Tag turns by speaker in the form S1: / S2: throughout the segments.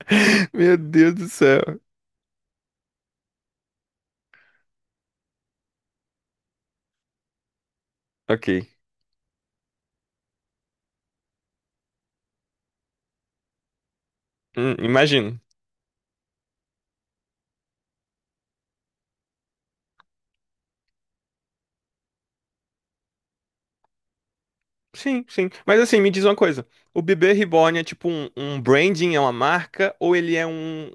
S1: Meu Deus do céu. Ok. Imagino. Sim, sim. Mas assim, me diz uma coisa. O bebê reborn é tipo um branding, é uma marca, ou ele é um,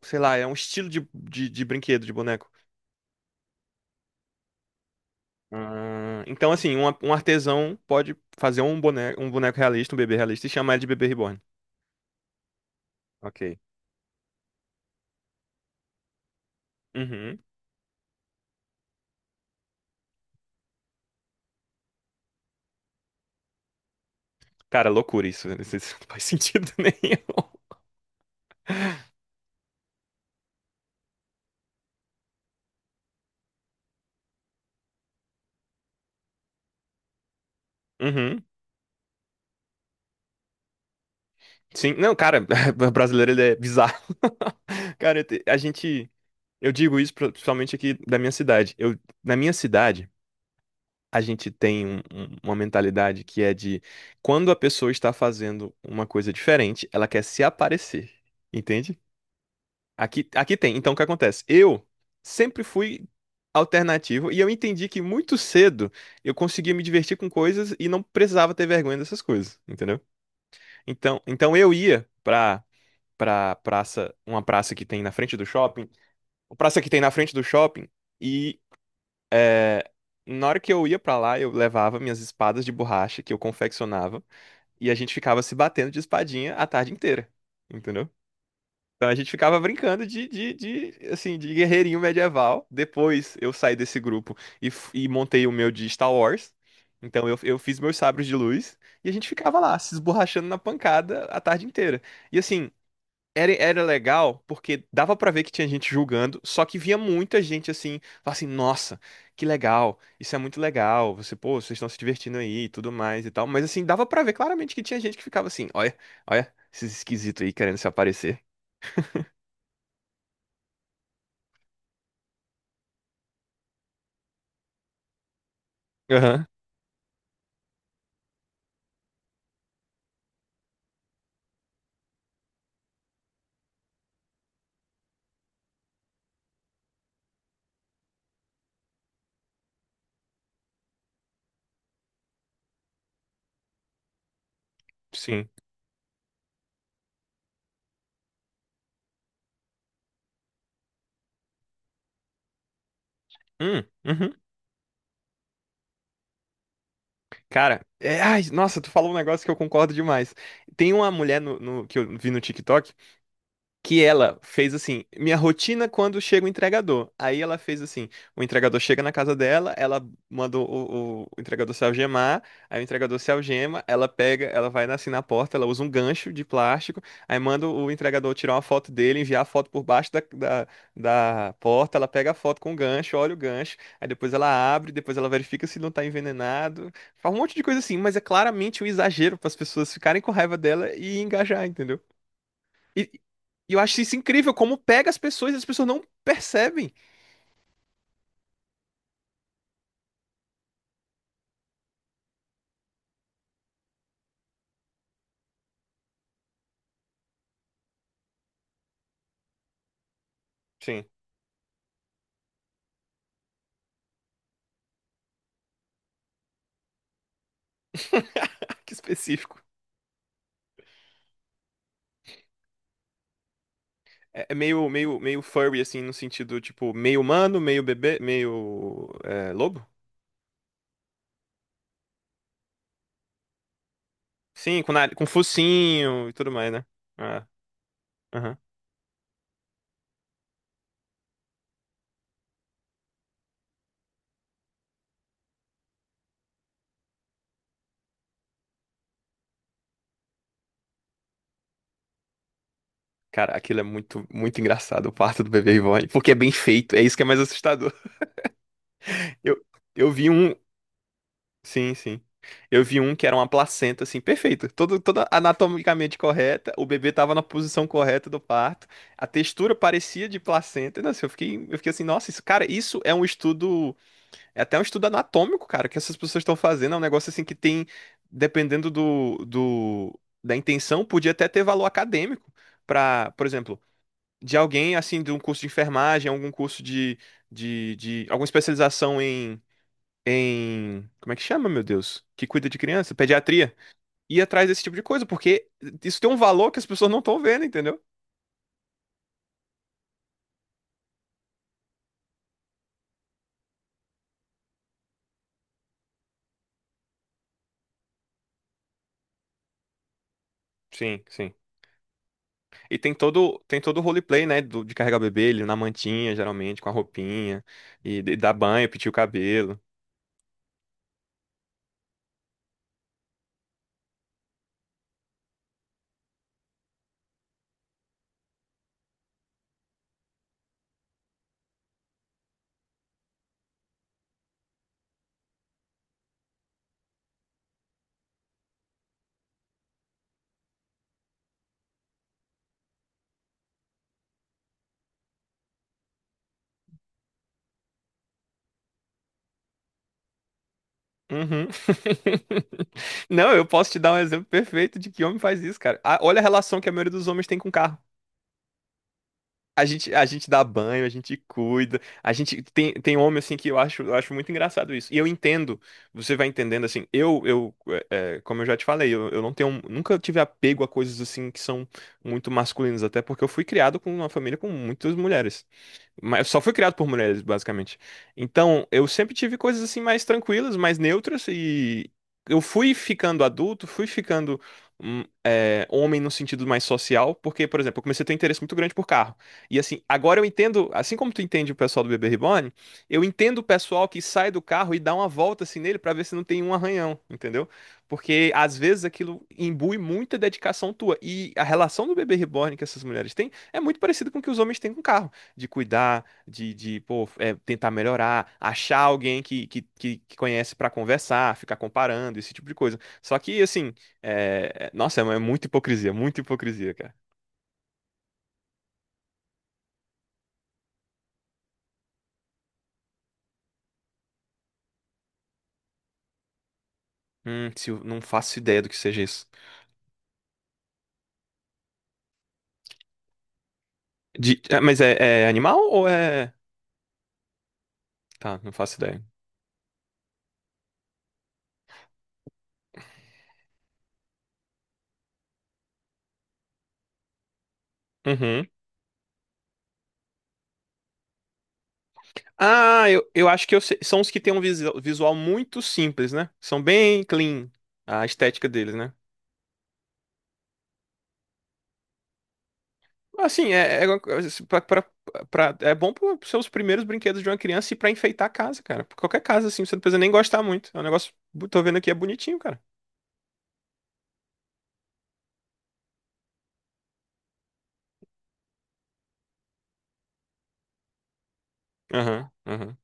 S1: sei lá, é um estilo de brinquedo, de boneco? Ah, então, assim, um artesão pode fazer um boneco realista, um bebê realista, e chamar ele de bebê reborn. Ok. Uhum. Cara, loucura isso. Isso não faz sentido nenhum. Uhum. Sim, não, cara, o brasileiro ele é bizarro. Cara, a gente. Eu digo isso principalmente aqui da minha cidade. Eu, na minha cidade, a gente tem uma mentalidade que é de quando a pessoa está fazendo uma coisa diferente, ela quer se aparecer. Entende? Aqui tem. Então, o que acontece? Eu sempre fui alternativo e eu entendi que muito cedo eu conseguia me divertir com coisas e não precisava ter vergonha dessas coisas. Entendeu? Então eu ia pra praça, uma praça que tem na frente do shopping, e é, na hora que eu ia pra lá, eu levava minhas espadas de borracha que eu confeccionava, e a gente ficava se batendo de espadinha a tarde inteira, entendeu? Então a gente ficava brincando assim, de guerreirinho medieval. Depois eu saí desse grupo e montei o meu de Star Wars. Então eu fiz meus sabres de luz e a gente ficava lá, se esborrachando na pancada a tarde inteira. E assim, era legal porque dava pra ver que tinha gente julgando, só que via muita gente assim, falava assim, nossa, que legal, isso é muito legal, você, pô, vocês estão se divertindo aí e tudo mais e tal, mas assim, dava pra ver claramente que tinha gente que ficava assim, olha, olha, esses esquisitos aí querendo se aparecer. Aham, sim. Hum, uhum. Cara, ai, nossa, tu falou um negócio que eu concordo demais. Tem uma mulher que eu vi no TikTok que ela fez assim, minha rotina quando chega o entregador. Aí ela fez assim, o entregador chega na casa dela, ela mandou o entregador se algemar, aí o entregador se algema, ela pega, ela vai assim na porta, ela usa um gancho de plástico, aí manda o entregador tirar uma foto dele, enviar a foto por baixo da porta, ela pega a foto com o gancho, olha o gancho, aí depois ela abre, depois ela verifica se não tá envenenado, faz um monte de coisa assim, mas é claramente um exagero para as pessoas ficarem com raiva dela e engajar, entendeu? E e eu acho isso incrível, como pega as pessoas e as pessoas não percebem. Sim. Que específico. É meio, furry, assim, no sentido, tipo, meio humano, meio bebê, meio lobo? Sim, com, nariz, com focinho e tudo mais, né? Ah, aham. Cara, aquilo é muito, muito engraçado, o parto do bebê reborn, porque é bem feito, é isso que é mais assustador. Eu, eu vi um, sim, sim. Eu vi um que era uma placenta, assim, perfeita. Toda anatomicamente correta. O bebê tava na posição correta do parto. A textura parecia de placenta. Nossa, eu fiquei assim, nossa, isso, cara, isso é um estudo. É até um estudo anatômico, cara, que essas pessoas estão fazendo. É um negócio assim que tem, dependendo do, da intenção, podia até ter valor acadêmico. Pra, por exemplo, de alguém assim, de um curso de enfermagem, algum curso de, de alguma especialização em. Como é que chama, meu Deus? Que cuida de criança, pediatria, ir atrás desse tipo de coisa, porque isso tem um valor que as pessoas não estão vendo, entendeu? Sim, sim. E tem todo o roleplay, né? de carregar o bebê, ele na mantinha, geralmente, com a roupinha, e dar banho, pentear o cabelo. Uhum. Não, eu posso te dar um exemplo perfeito de que homem faz isso, cara. Ah, olha a relação que a maioria dos homens tem com carro. A gente dá banho, a gente cuida, a gente tem homem assim que eu acho muito engraçado isso. E eu entendo, você vai entendendo assim, como eu já te falei, eu não tenho, nunca tive apego a coisas assim que são muito masculinas, até porque eu fui criado com uma família com muitas mulheres. Mas só foi criado por mulheres, basicamente. Então, eu sempre tive coisas assim mais tranquilas, mais neutras, e eu fui ficando adulto, fui ficando homem no sentido mais social, porque, por exemplo, eu comecei a ter um interesse muito grande por carro. E assim, agora eu entendo, assim como tu entende o pessoal do Bebê Reborn, eu entendo o pessoal que sai do carro e dá uma volta assim nele pra ver se não tem um arranhão, entendeu? Porque às vezes aquilo imbui muita dedicação tua. E a relação do Bebê Reborn que essas mulheres têm é muito parecida com o que os homens têm com o carro de cuidar, de pô, tentar melhorar, achar alguém que conhece para conversar, ficar comparando, esse tipo de coisa. Só que, assim, nossa, é muita hipocrisia, cara. Se eu- não faço ideia do que seja isso. Mas é animal ou é. Tá, não faço ideia. Uhum. Ah, eu acho que são os que têm um visual muito simples, né? São bem clean a estética deles, né? Assim, uma coisa, assim, é bom para seus primeiros brinquedos de uma criança e pra enfeitar a casa, cara. Pra qualquer casa, assim, você não precisa nem gostar muito. É um negócio, tô vendo aqui, é bonitinho, cara. Aham, aham.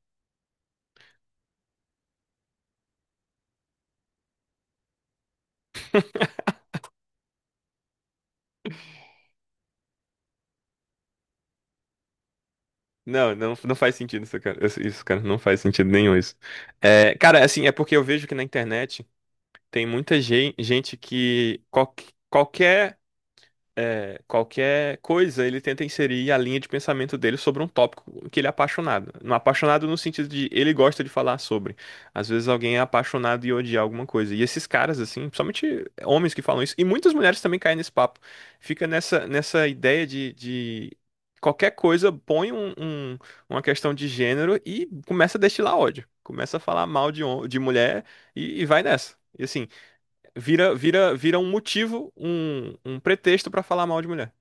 S1: Não, não, não faz sentido isso, cara. Isso, cara, não faz sentido nenhum isso. É, cara, assim, é porque eu vejo que na internet tem muita gente que qualquer, qualquer coisa, ele tenta inserir a linha de pensamento dele sobre um tópico que ele é apaixonado. Não apaixonado no sentido de ele gosta de falar sobre. Às vezes alguém é apaixonado e odia alguma coisa. E esses caras, assim, principalmente homens que falam isso, e muitas mulheres também caem nesse papo. Fica nessa, ideia de qualquer coisa põe uma questão de gênero e começa a destilar ódio. Começa a falar mal de mulher e vai nessa. E assim, vira um motivo, um pretexto pra falar mal de mulher.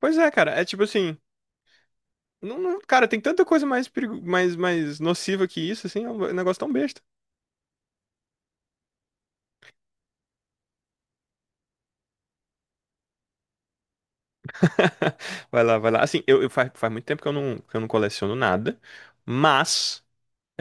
S1: Pois é, cara, é tipo assim, cara, tem tanta coisa mais, perigo, mais, mais nociva que isso, assim, é um negócio tão besta. Vai lá, vai lá. Assim, faz muito tempo que eu não coleciono nada, mas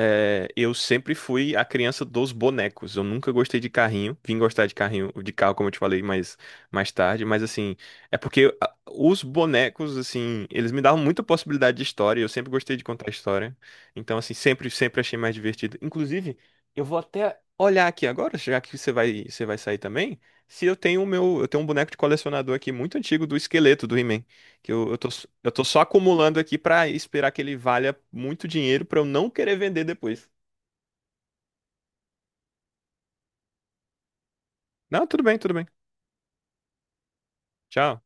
S1: é, eu sempre fui a criança dos bonecos. Eu nunca gostei de carrinho. Vim gostar de carrinho, de carro, como eu te falei, mais tarde. Mas assim, é porque os bonecos, assim, eles me davam muita possibilidade de história. Eu sempre gostei de contar história. Então, assim, sempre, sempre achei mais divertido. Inclusive, eu vou até olhar aqui agora, já que você vai sair também. Se eu tenho o meu, eu tenho um boneco de colecionador aqui muito antigo do esqueleto do He-Man. Que eu tô só acumulando aqui pra esperar que ele valha muito dinheiro pra eu não querer vender depois. Não, tudo bem, tudo bem. Tchau.